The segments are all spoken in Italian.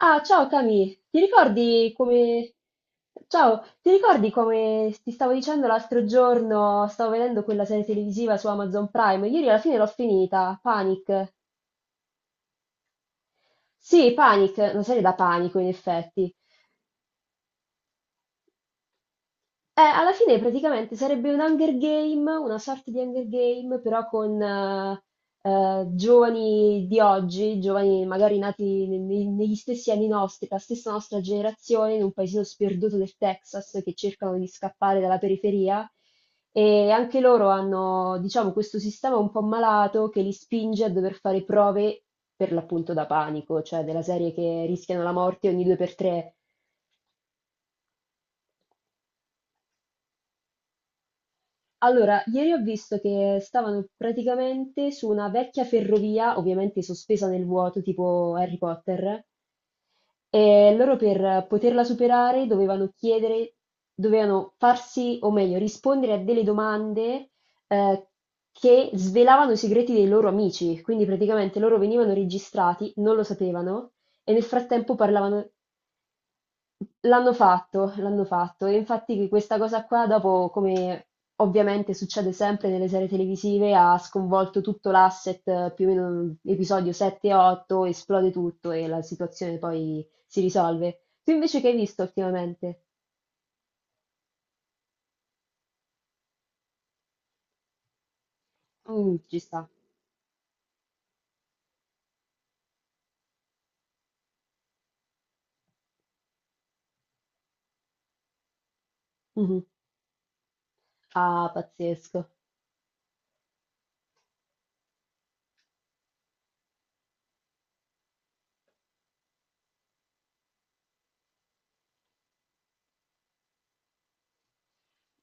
Ah, ciao Cami, ti ricordi come... Ciao, ti ricordi come ti stavo dicendo l'altro giorno, stavo vedendo quella serie televisiva su Amazon Prime, ieri alla fine l'ho finita, Panic. Sì, Panic, una serie da panico in effetti. Alla fine praticamente sarebbe un Hunger Game, una sorta di Hunger Game, però con giovani di oggi, giovani magari nati negli stessi anni nostri, la stessa nostra generazione, in un paesino sperduto del Texas che cercano di scappare dalla periferia. E anche loro hanno, diciamo, questo sistema un po' malato che li spinge a dover fare prove per l'appunto da panico, cioè della serie che rischiano la morte ogni due per tre. Allora, ieri ho visto che stavano praticamente su una vecchia ferrovia, ovviamente sospesa nel vuoto, tipo Harry Potter, e loro per poterla superare dovevano chiedere, dovevano farsi, o meglio, rispondere a delle domande eh, che svelavano i segreti dei loro amici. Quindi praticamente loro venivano registrati, non lo sapevano, e nel frattempo parlavano. L'hanno fatto e infatti questa cosa qua dopo, come ovviamente succede sempre nelle serie televisive, ha sconvolto tutto l'asset, più o meno episodio 7 e 8, esplode tutto e la situazione poi si risolve. Tu invece che hai visto ultimamente? Mm, ci sta. Mhm. Ah, pazzesco.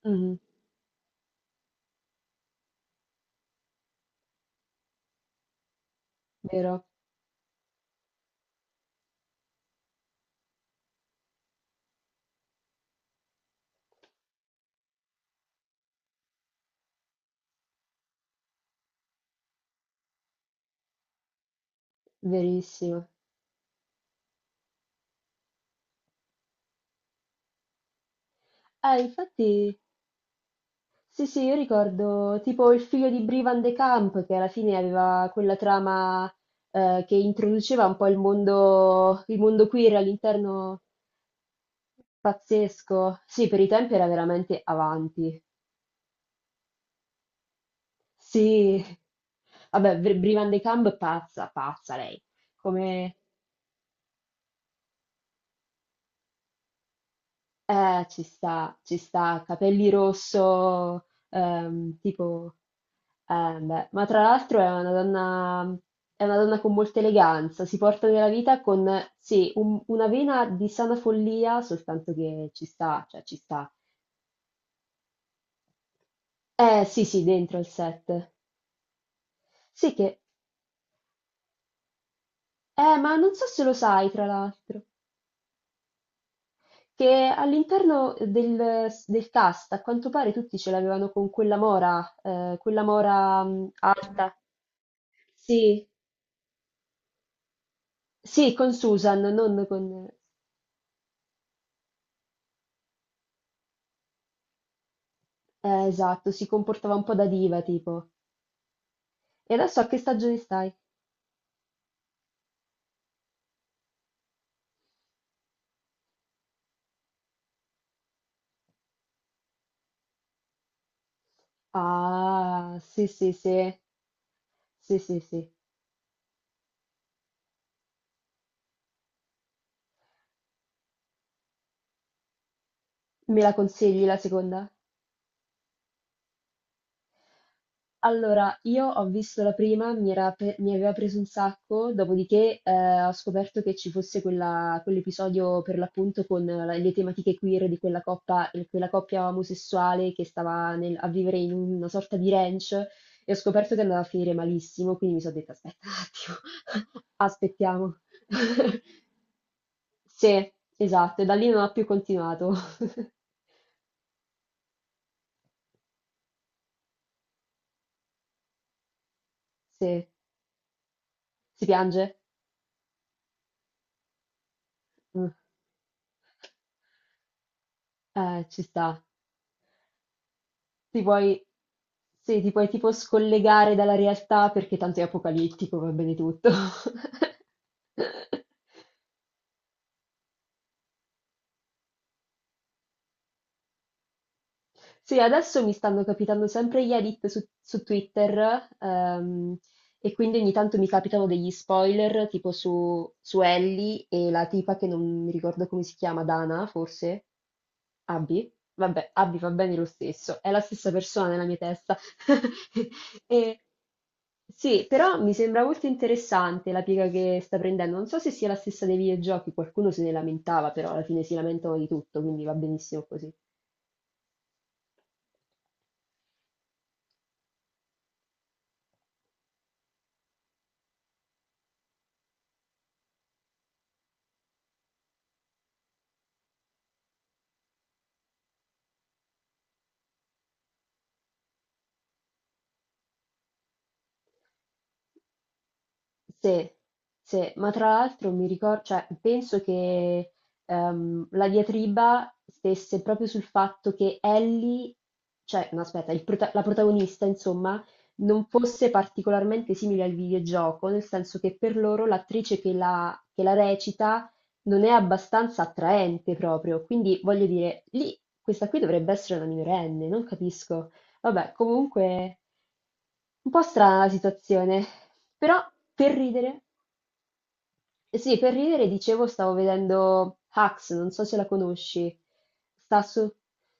Mhm. Vero, verissimo. Ah, infatti... Sì, sì, io ricordo tipo il figlio di Brie Van de Camp che alla fine aveva quella trama che introduceva un po' il mondo queer all'interno pazzesco. Sì, per i tempi era veramente avanti. Sì, vabbè, Brie Van de Camp pazza, pazza lei. Come, ci sta, capelli rosso, tipo. Beh, ma tra l'altro è una donna con molta eleganza, si porta nella vita con, sì, una vena di sana follia, soltanto che ci sta, cioè ci sta. Sì, sì, dentro al set. Sì che, ma non so se lo sai, tra l'altro, che all'interno del, del cast, a quanto pare tutti ce l'avevano con quella mora, alta. Sì, sì, con Susan, non con... esatto, si comportava un po' da diva, tipo. E adesso a che stagione stai? Ah, sì, sì, sì, sì, sì, sì. Me la consigli la seconda? Allora, io ho visto la prima, mi aveva preso un sacco, dopodiché ho scoperto che ci fosse quell'episodio per l'appunto con le tematiche queer di quella coppia omosessuale che stava a vivere in una sorta di ranch e ho scoperto che andava a finire malissimo, quindi mi sono detta aspetta un attimo, aspettiamo. Sì, esatto, e da lì non ho più continuato. Sì, si piange? Mh. Ci sta. Ti puoi sì, ti puoi tipo scollegare dalla realtà perché tanto è apocalittico, va bene tutto. Sì, adesso mi stanno capitando sempre gli edit su, su Twitter, e quindi ogni tanto mi capitano degli spoiler, tipo su, su Ellie e la tipa che non mi ricordo come si chiama, Dana, forse. Abby? Vabbè, Abby va bene lo stesso, è la stessa persona nella mia testa. E- sì, però mi sembra molto interessante la piega che sta prendendo. Non so se sia la stessa dei videogiochi, qualcuno se ne lamentava, però alla fine si lamentano di tutto, quindi va benissimo così. Sì, sì, ma tra l'altro mi ricor cioè penso che, la diatriba stesse proprio sul fatto che Ellie, cioè no aspetta, la protagonista insomma, non fosse particolarmente simile al videogioco, nel senso che per loro l'attrice che la recita non è abbastanza attraente proprio, quindi voglio dire, lì questa qui dovrebbe essere una minorenne, non capisco. Vabbè, comunque un po' strana la situazione, però per ridere... Eh sì, per ridere, dicevo, stavo vedendo Hacks, non so se la conosci. Sta su...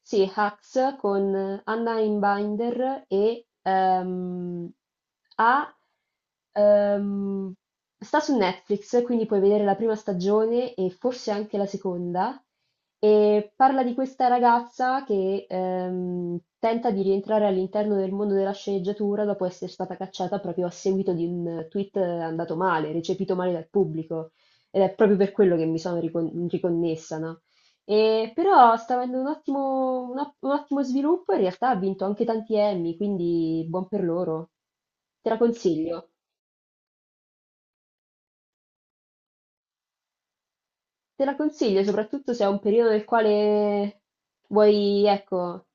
Sì, Hacks con Anna Einbinder e ha, ehm, sta su Netflix, quindi puoi vedere la prima stagione e forse anche la seconda. E parla di questa ragazza che tenta di rientrare all'interno del mondo della sceneggiatura dopo essere stata cacciata proprio a seguito di un tweet andato male, recepito male dal pubblico. Ed è proprio per quello che riconnessa, no? E però sta avendo un ottimo sviluppo e in realtà ha vinto anche tanti Emmy, quindi buon per loro. Te la consiglio. Te la consiglio, soprattutto se è un periodo nel quale vuoi, ecco,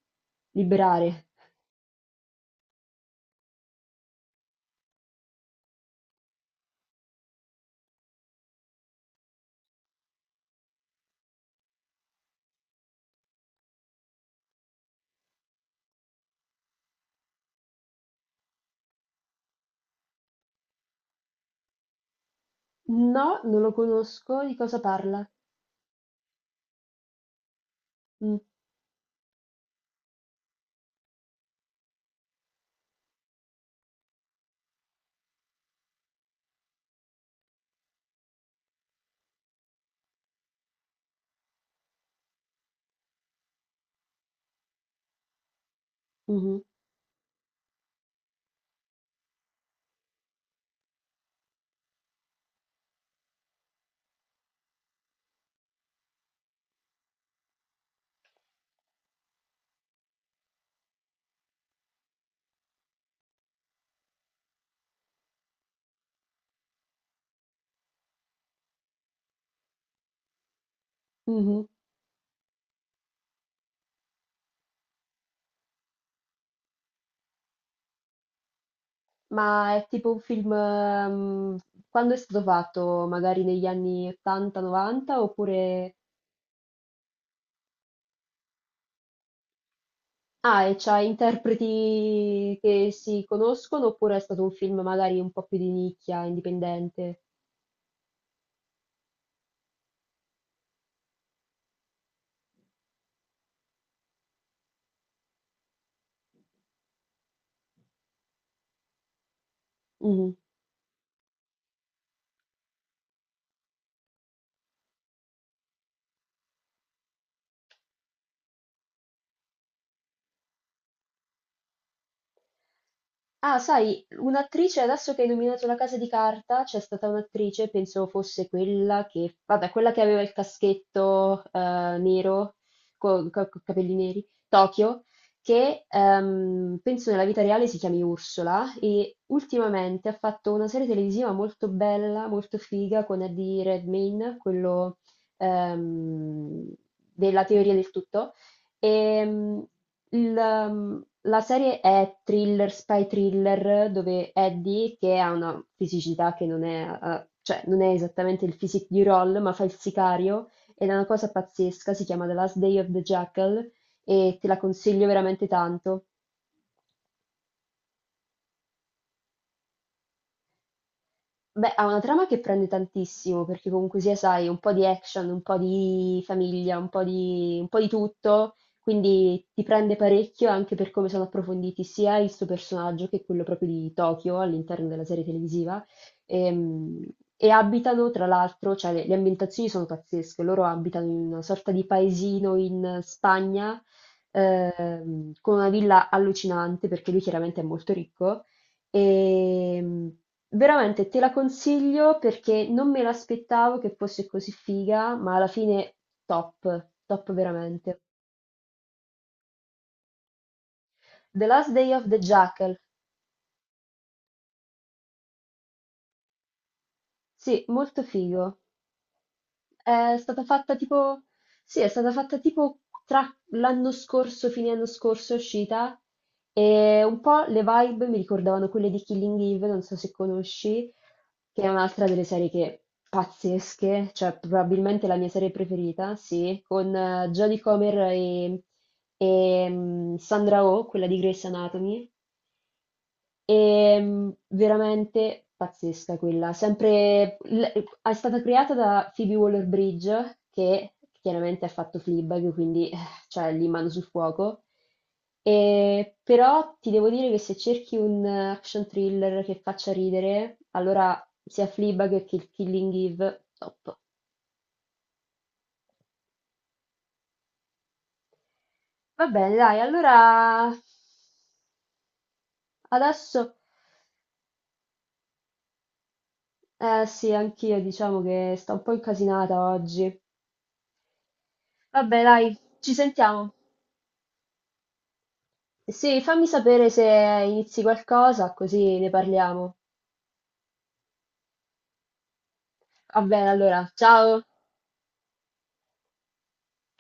liberare. No, non lo conosco. Di cosa parla? Mh, mh-mh, mh-mh. Ma è tipo un film, quando è stato fatto? Magari negli anni 80, 90 oppure ah, e c'ha interpreti che si conoscono, oppure è stato un film magari un po' più di nicchia, indipendente? Mh-mh. Ah, sai, un'attrice, adesso che hai nominato La Casa di Carta, c'è stata un'attrice, penso fosse quella che, vabbè, quella che aveva il caschetto nero, con capelli neri, Tokyo, che penso nella vita reale si chiami Ursula e ultimamente ha fatto una serie televisiva molto bella, molto figa con Eddie Redmayne, quello ehm, della teoria del tutto. E, il, la serie è thriller, spy thriller, dove Eddie, che ha una fisicità che non è, cioè non è esattamente il physique di Roll, ma fa il sicario ed è una cosa pazzesca, si chiama The Last Day of the Jackal e te la consiglio veramente tanto. Beh, ha una trama che prende tantissimo, perché comunque sia, sai, un po' di action, un po' di famiglia, un po' di tutto, quindi ti prende parecchio anche per come sono approfonditi sia il suo personaggio che quello proprio di Tokyo all'interno della serie televisiva. Ehm, E, abitano, tra l'altro, cioè le ambientazioni sono pazzesche, loro abitano in una sorta di paesino in Spagna, con una villa allucinante, perché lui chiaramente è molto ricco. Ehm, veramente te la consiglio perché non me l'aspettavo che fosse così figa, ma alla fine top, top veramente. The Last Day of the Jackal. Sì, molto figo. È stata fatta tipo, sì, è stata fatta tipo tra l'anno scorso, fine anno scorso è uscita e un po' le vibe mi ricordavano quelle di Killing Eve, non so se conosci, che è un'altra delle serie che pazzesche, cioè probabilmente la mia serie preferita, sì, con Jodie Comer e, Sandra Oh, quella di Grey's Anatomy. E, veramente pazzesca quella. Sempre, è stata creata da Phoebe Waller-Bridge, che chiaramente ha fatto Fleabag, quindi cioè, lì mano sul fuoco. E, però ti devo dire che se cerchi un action thriller che faccia ridere, allora sia Fleabag che Killing Eve, top. Va bene, dai, allora adesso... Eh sì, anch'io diciamo che sto un po' incasinata oggi. Vabbè, dai, ci sentiamo. Sì, fammi sapere se inizi qualcosa, così ne parliamo. Va bene, allora, ciao!